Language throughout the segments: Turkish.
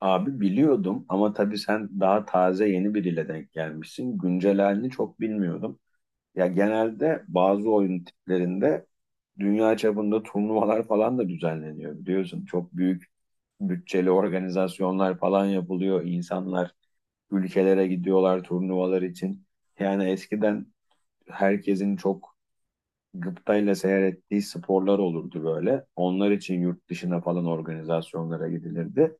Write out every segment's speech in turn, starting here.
Abi biliyordum ama tabii sen daha taze yeni biriyle denk gelmişsin. Güncel halini çok bilmiyordum. Ya genelde bazı oyun tiplerinde dünya çapında turnuvalar falan da düzenleniyor biliyorsun. Çok büyük bütçeli organizasyonlar falan yapılıyor. İnsanlar ülkelere gidiyorlar turnuvalar için. Yani eskiden herkesin çok gıptayla seyrettiği sporlar olurdu böyle. Onlar için yurt dışına falan organizasyonlara gidilirdi.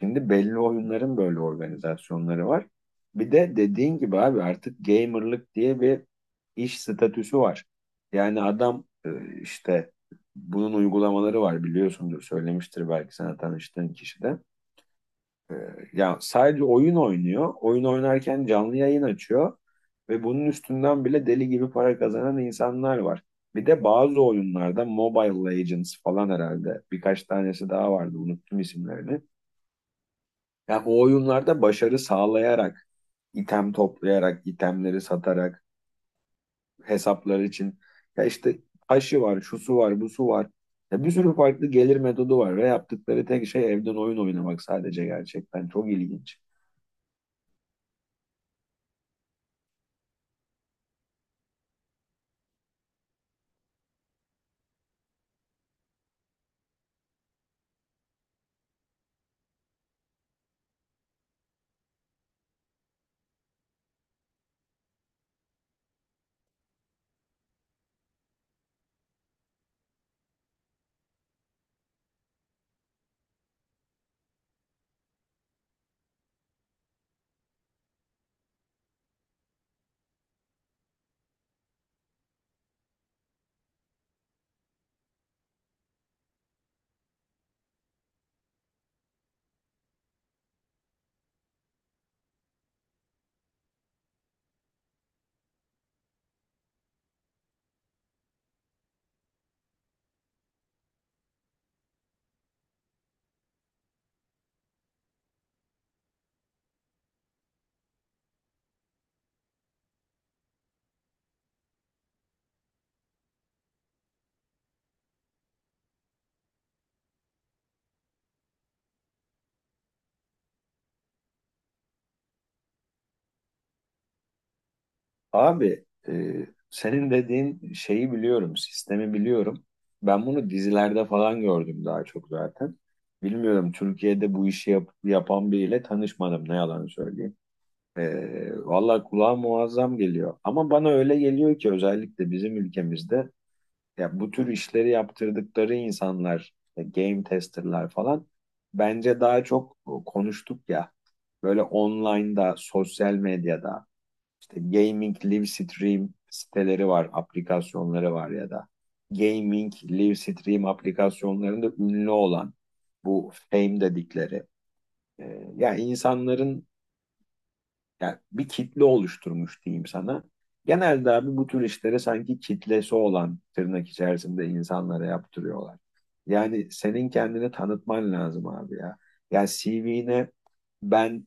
Şimdi belli oyunların böyle organizasyonları var. Bir de dediğin gibi abi artık gamerlık diye bir iş statüsü var. Yani adam işte bunun uygulamaları var biliyorsundur söylemiştir belki sana tanıştığın kişi de. E, Ya sadece oyun oynuyor. Oyun oynarken canlı yayın açıyor ve bunun üstünden bile deli gibi para kazanan insanlar var. Bir de bazı oyunlarda Mobile Legends falan herhalde birkaç tanesi daha vardı unuttum isimlerini. Ya o oyunlarda başarı sağlayarak, item toplayarak, itemleri satarak, hesaplar için ya işte taşı var, şusu var, busu var. Ya bir sürü farklı gelir metodu var ve yaptıkları tek şey evden oyun oynamak sadece gerçekten çok ilginç. Abi senin dediğin şeyi biliyorum, sistemi biliyorum. Ben bunu dizilerde falan gördüm daha çok zaten. Bilmiyorum Türkiye'de bu işi yapan biriyle tanışmadım ne yalan söyleyeyim. Valla kulağa muazzam geliyor. Ama bana öyle geliyor ki özellikle bizim ülkemizde ya bu tür işleri yaptırdıkları insanlar, game testerlar falan bence daha çok o, konuştuk ya böyle online'da, sosyal medyada işte gaming live stream siteleri var, aplikasyonları var ya da gaming live stream aplikasyonlarında ünlü olan bu fame dedikleri ya insanların yani bir kitle oluşturmuş diyeyim sana. Genelde abi bu tür işleri sanki kitlesi olan tırnak içerisinde insanlara yaptırıyorlar. Yani senin kendini tanıtman lazım abi ya. Yani CV'ne ben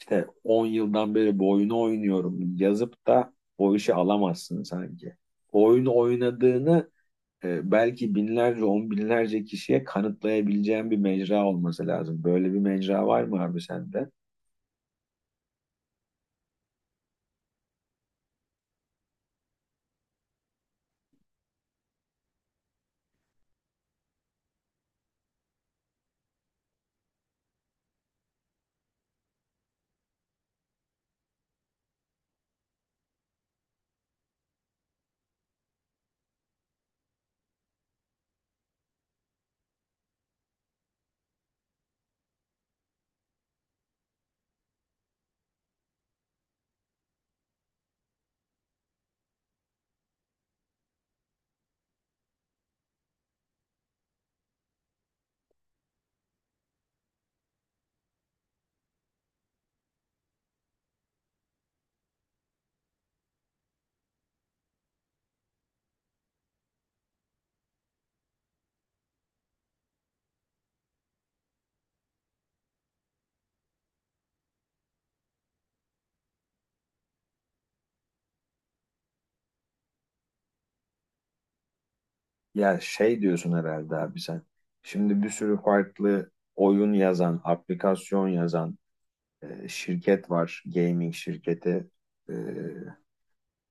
işte 10 yıldan beri bu oyunu oynuyorum yazıp da o işi alamazsın sanki. O oyunu oynadığını belki binlerce, on binlerce kişiye kanıtlayabileceğin bir mecra olması lazım. Böyle bir mecra var mı abi sende? Ya şey diyorsun herhalde abi sen. Şimdi bir sürü farklı oyun yazan, aplikasyon yazan şirket var. Gaming şirketi. E,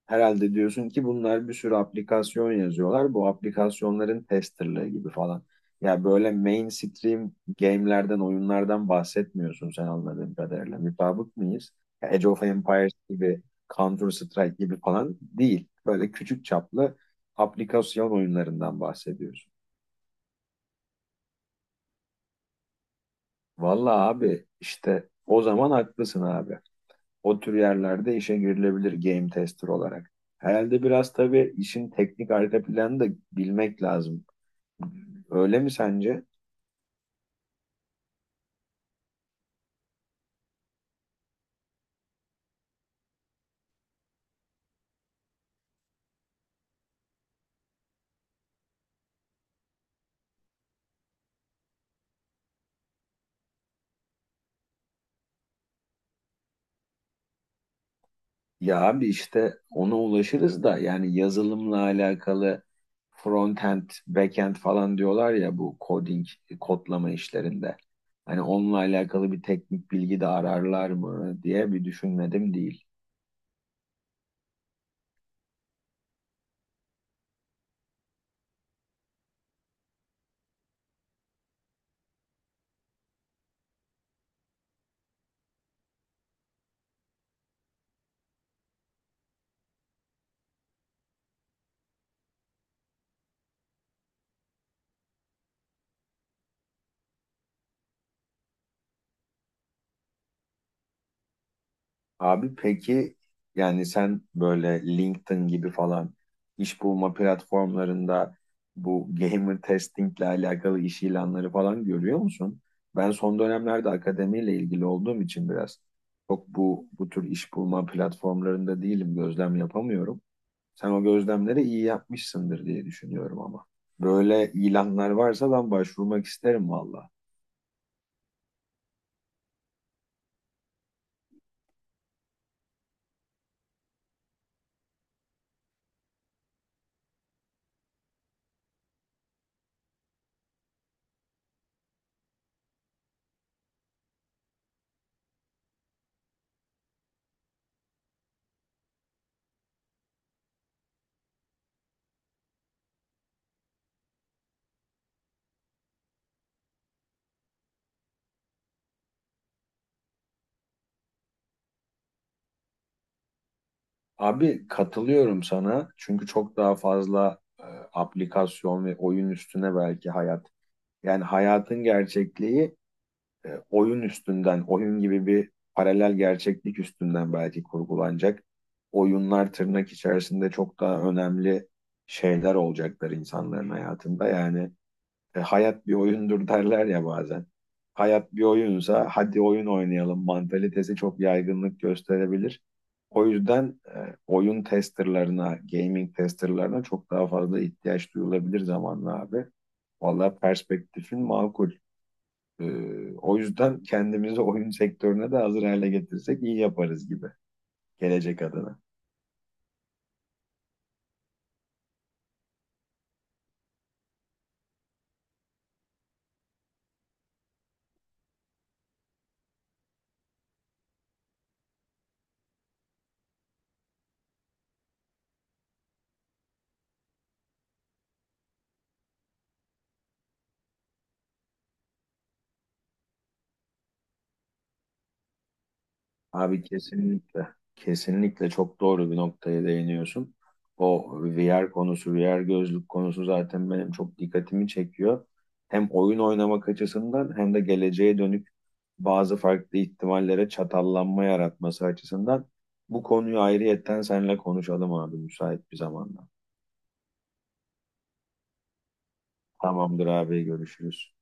Herhalde diyorsun ki bunlar bir sürü aplikasyon yazıyorlar. Bu aplikasyonların testerlığı gibi falan. Ya böyle mainstream game'lerden, oyunlardan bahsetmiyorsun sen anladığım kadarıyla. Mutabık mıyız? Ya Age of Empires gibi, Counter Strike gibi falan değil. Böyle küçük çaplı aplikasyon oyunlarından bahsediyorsun. Vallahi abi işte o zaman haklısın abi. O tür yerlerde işe girilebilir game tester olarak. Herhalde biraz tabii işin teknik arka planı da bilmek lazım. Öyle mi sence? Ya abi işte ona ulaşırız da yani yazılımla alakalı frontend, backend falan diyorlar ya bu coding, kodlama işlerinde. Hani onunla alakalı bir teknik bilgi de ararlar mı diye bir düşünmedim değil. Abi peki yani sen böyle LinkedIn gibi falan iş bulma platformlarında bu gamer testingle alakalı iş ilanları falan görüyor musun? Ben son dönemlerde akademiyle ilgili olduğum için biraz çok bu tür iş bulma platformlarında değilim, gözlem yapamıyorum. Sen o gözlemleri iyi yapmışsındır diye düşünüyorum ama. Böyle ilanlar varsa ben başvurmak isterim valla. Abi katılıyorum sana çünkü çok daha fazla aplikasyon ve oyun üstüne belki hayat. Yani hayatın gerçekliği oyun üstünden, oyun gibi bir paralel gerçeklik üstünden belki kurgulanacak. Oyunlar tırnak içerisinde çok daha önemli şeyler olacaklar insanların hayatında. Yani hayat bir oyundur derler ya bazen. Hayat bir oyunsa hadi oyun oynayalım mantalitesi çok yaygınlık gösterebilir. O yüzden oyun testerlarına, gaming testerlarına çok daha fazla ihtiyaç duyulabilir zamanla abi. Vallahi perspektifin makul. E, O yüzden kendimizi oyun sektörüne de hazır hale getirsek iyi yaparız gibi gelecek adına. Abi kesinlikle, kesinlikle çok doğru bir noktaya değiniyorsun. O VR konusu, VR gözlük konusu zaten benim çok dikkatimi çekiyor. Hem oyun oynamak açısından hem de geleceğe dönük bazı farklı ihtimallere çatallanma yaratması açısından bu konuyu ayrıyetten seninle konuşalım abi müsait bir zamanda. Tamamdır abi görüşürüz.